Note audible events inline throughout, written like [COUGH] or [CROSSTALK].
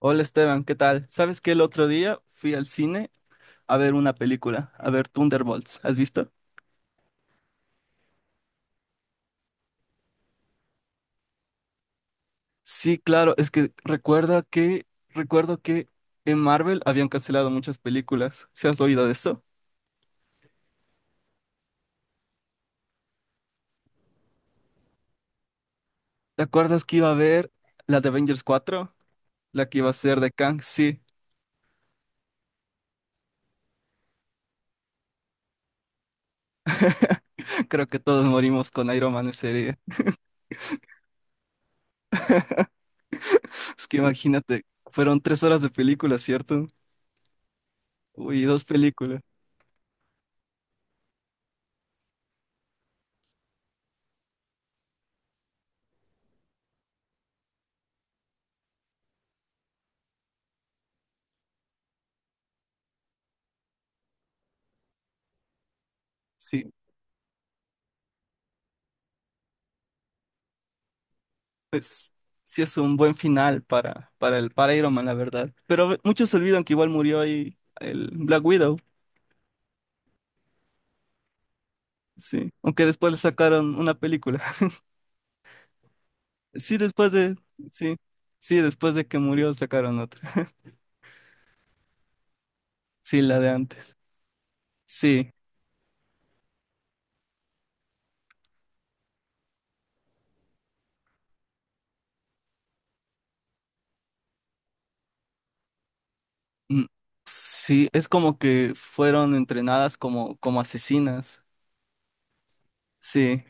Hola Esteban, ¿qué tal? ¿Sabes que el otro día fui al cine a ver una película, a ver Thunderbolts? ¿Has visto? Sí, claro, es que recuerda que recuerdo que en Marvel habían cancelado muchas películas. ¿Se has oído de eso? ¿Te acuerdas que iba a haber la de Avengers 4, la que iba a ser de Kang, sí. [LAUGHS] Creo que todos morimos con Iron Man ese día. Es que imagínate, fueron 3 horas de película, ¿cierto? Uy, dos películas. Sí, pues sí es un buen final para Iron Man, la verdad. Pero muchos se olvidan que igual murió ahí el Black Widow, sí. Aunque después le sacaron una película. [LAUGHS] Sí, sí, sí, después de que murió sacaron otra. Sí, la de antes. Sí. Mm. Sí, es como que fueron entrenadas como asesinas. Sí.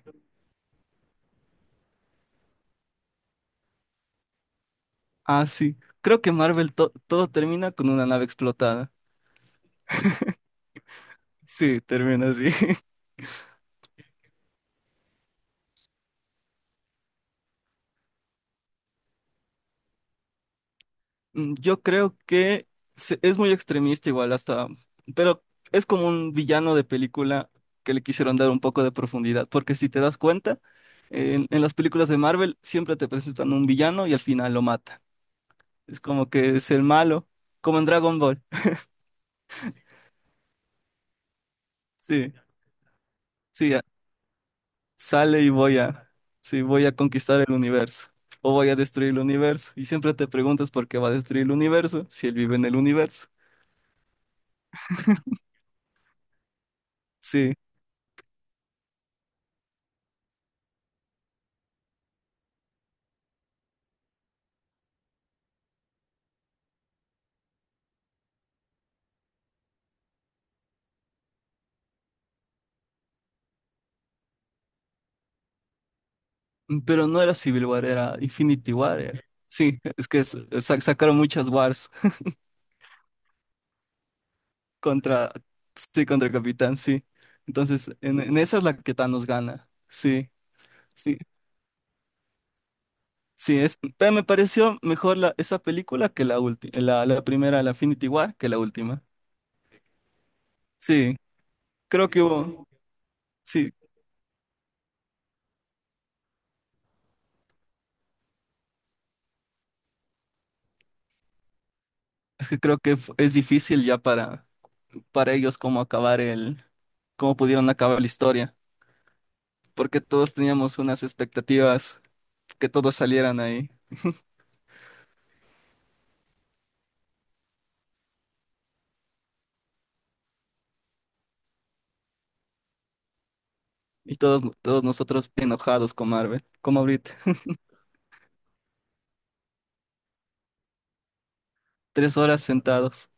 Ah, sí. Creo que Marvel todo termina con una nave explotada. Sí, termina así. [LAUGHS] Yo creo que es muy extremista igual hasta, pero es como un villano de película que le quisieron dar un poco de profundidad, porque si te das cuenta, en las películas de Marvel siempre te presentan un villano y al final lo mata. Es como que es el malo, como en Dragon Ball. Sí, sí, sale y sí, voy a conquistar el universo o voy a destruir el universo. Y siempre te preguntas por qué va a destruir el universo si él vive en el universo. Sí. Pero no era Civil War, era Infinity War. Era. Sí, es que sacaron muchas wars contra, sí, contra el Capitán, sí. Entonces, en esa es la que Thanos gana. Sí, sí, sí, pero me pareció mejor esa película que la última, la primera, la Infinity War, que la última. Sí, creo que hubo, sí, es que creo que es difícil ya para ellos cómo cómo pudieron acabar la historia, porque todos teníamos unas expectativas que todos salieran ahí. Y todos nosotros enojados con Marvel, como ahorita. [LAUGHS] 3 horas sentados.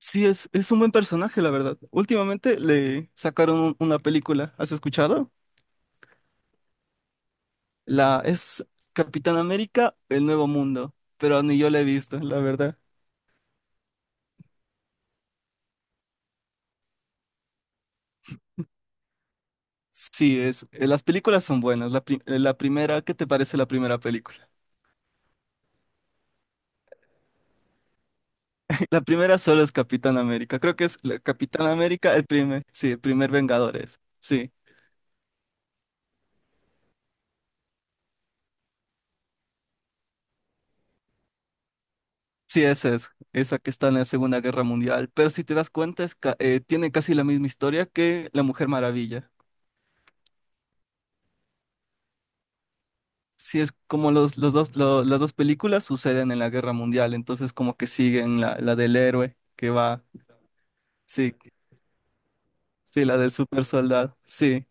Sí, es un buen personaje, la verdad. Últimamente le sacaron una película, ¿has escuchado? La Es Capitán América, El Nuevo Mundo, pero ni yo la he visto, la verdad. Sí, las películas son buenas. La primera, ¿qué te parece la primera película? [LAUGHS] La primera solo es Capitán América. Creo que es la Capitán América, sí, el primer Vengadores. Sí. Sí, esa que está en la Segunda Guerra Mundial. Pero si te das cuenta, tiene casi la misma historia que La Mujer Maravilla. Sí, es como las dos películas suceden en la Guerra Mundial, entonces como que siguen la del héroe que va, sí, sí, la del super soldado, sí,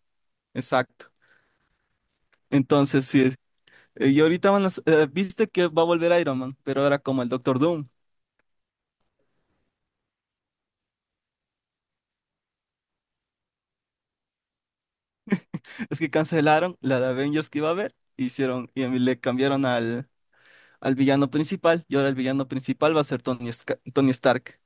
exacto. Entonces, sí, y ahorita van viste que va a volver Iron Man, pero ahora como el Doctor Doom. Es que cancelaron la de Avengers que iba a haber, y le cambiaron al villano principal y ahora el villano principal va a ser Tony Stark.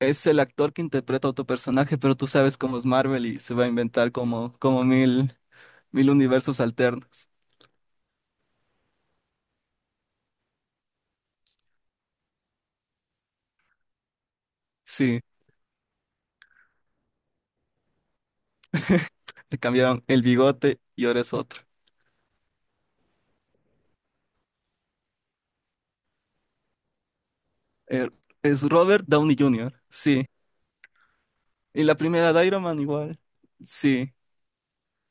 Es el actor que interpreta a otro personaje, pero tú sabes cómo es Marvel y se va a inventar como mil universos alternos. Sí, le cambiaron el bigote y ahora es otro. Eh, es Robert Downey Jr., sí. Y la primera de Iron Man igual. Sí,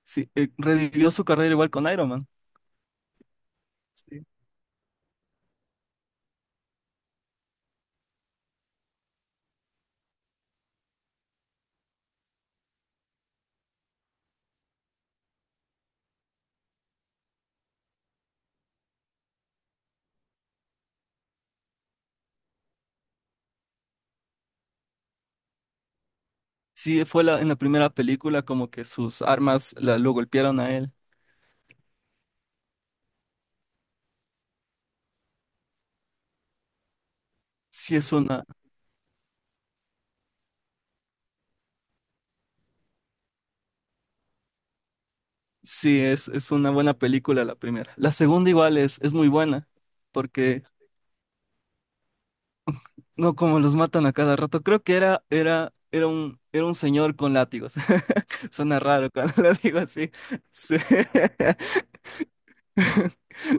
sí. Revivió su carrera igual con Iron Man. Sí, sí, en la primera película como que sus armas lo golpearon a él. Sí, es una... Sí, es una buena película la primera. La segunda igual es muy buena, porque no como los matan a cada rato. Creo que era un señor con látigos. [LAUGHS] Suena raro cuando [LAUGHS] lo digo así. Sí. [LAUGHS]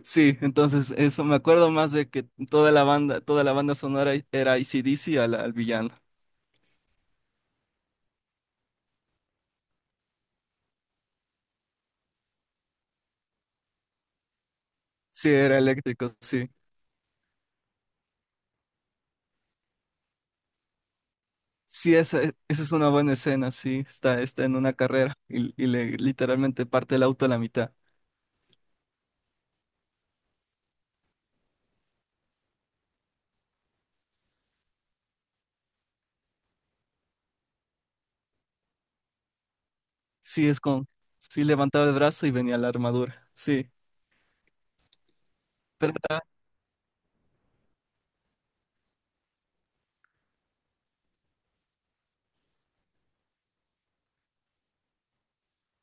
Sí, entonces eso me acuerdo más de que toda la banda sonora era AC/DC al villano. Sí, era eléctrico, sí. Sí, esa es una buena escena, sí. Está en una carrera y le literalmente parte el auto a la mitad. Sí, sí levantaba el brazo y venía la armadura. Sí, pero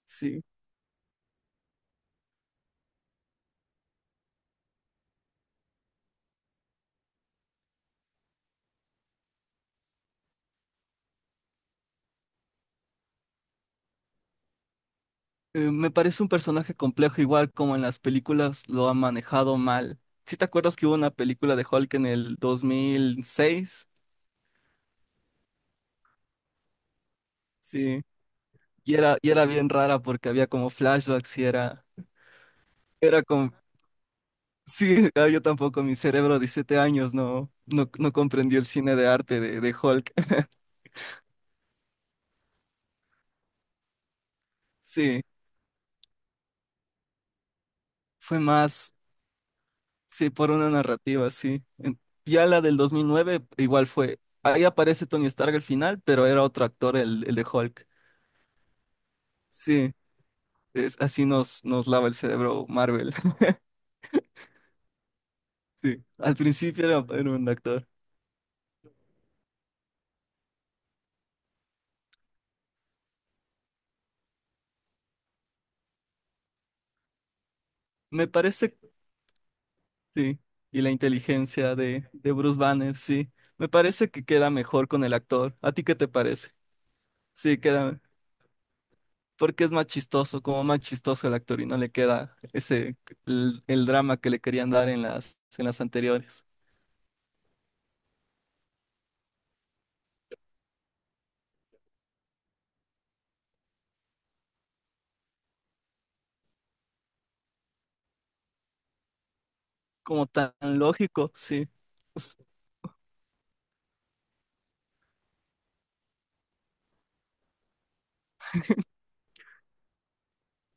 sí, me parece un personaje complejo, igual como en las películas lo ha manejado mal. ¿Sí te acuerdas que hubo una película de Hulk en el 2006? Sí, y era bien rara porque había como flashbacks era como, sí, [LAUGHS] ah, yo tampoco, mi cerebro de 17 años no comprendió el cine de arte de Hulk. [LAUGHS] Sí, fue más. Sí, por una narrativa, sí. Ya la del 2009 igual fue. Ahí aparece Tony Stark al final, pero era otro actor, el de Hulk. Sí, así nos lava el cerebro Marvel. [LAUGHS] Sí, al principio era un actor. Me parece, sí. Y la inteligencia de Bruce Banner, sí. Me parece que queda mejor con el actor. ¿A ti qué te parece? Sí, queda. Porque es más chistoso, como más chistoso el actor y no le queda el drama que le querían dar en las anteriores. Como tan lógico, sí. S-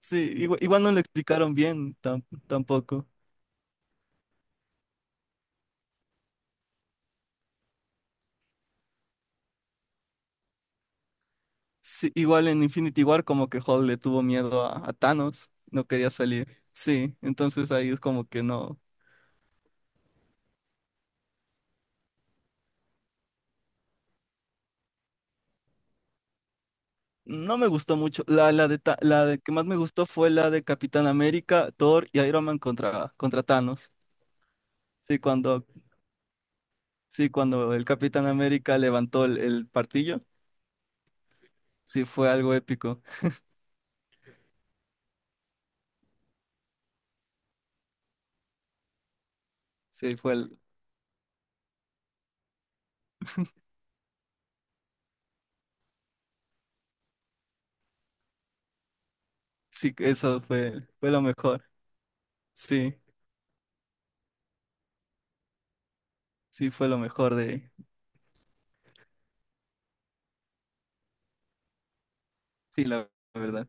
Sí, igual, no le explicaron bien tampoco. Sí, igual en Infinity War como que Hulk le tuvo miedo a Thanos, no quería salir. Sí, entonces ahí es como que no me gustó mucho. La de que más me gustó fue la de Capitán América, Thor y Iron Man contra Thanos. Sí, sí, cuando el Capitán América levantó el martillo, sí fue algo épico. Sí, sí, eso fue lo mejor. Sí. Sí, fue lo mejor de... Sí, la verdad.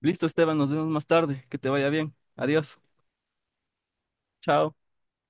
Listo, Esteban, nos vemos más tarde. Que te vaya bien. Adiós. Chao.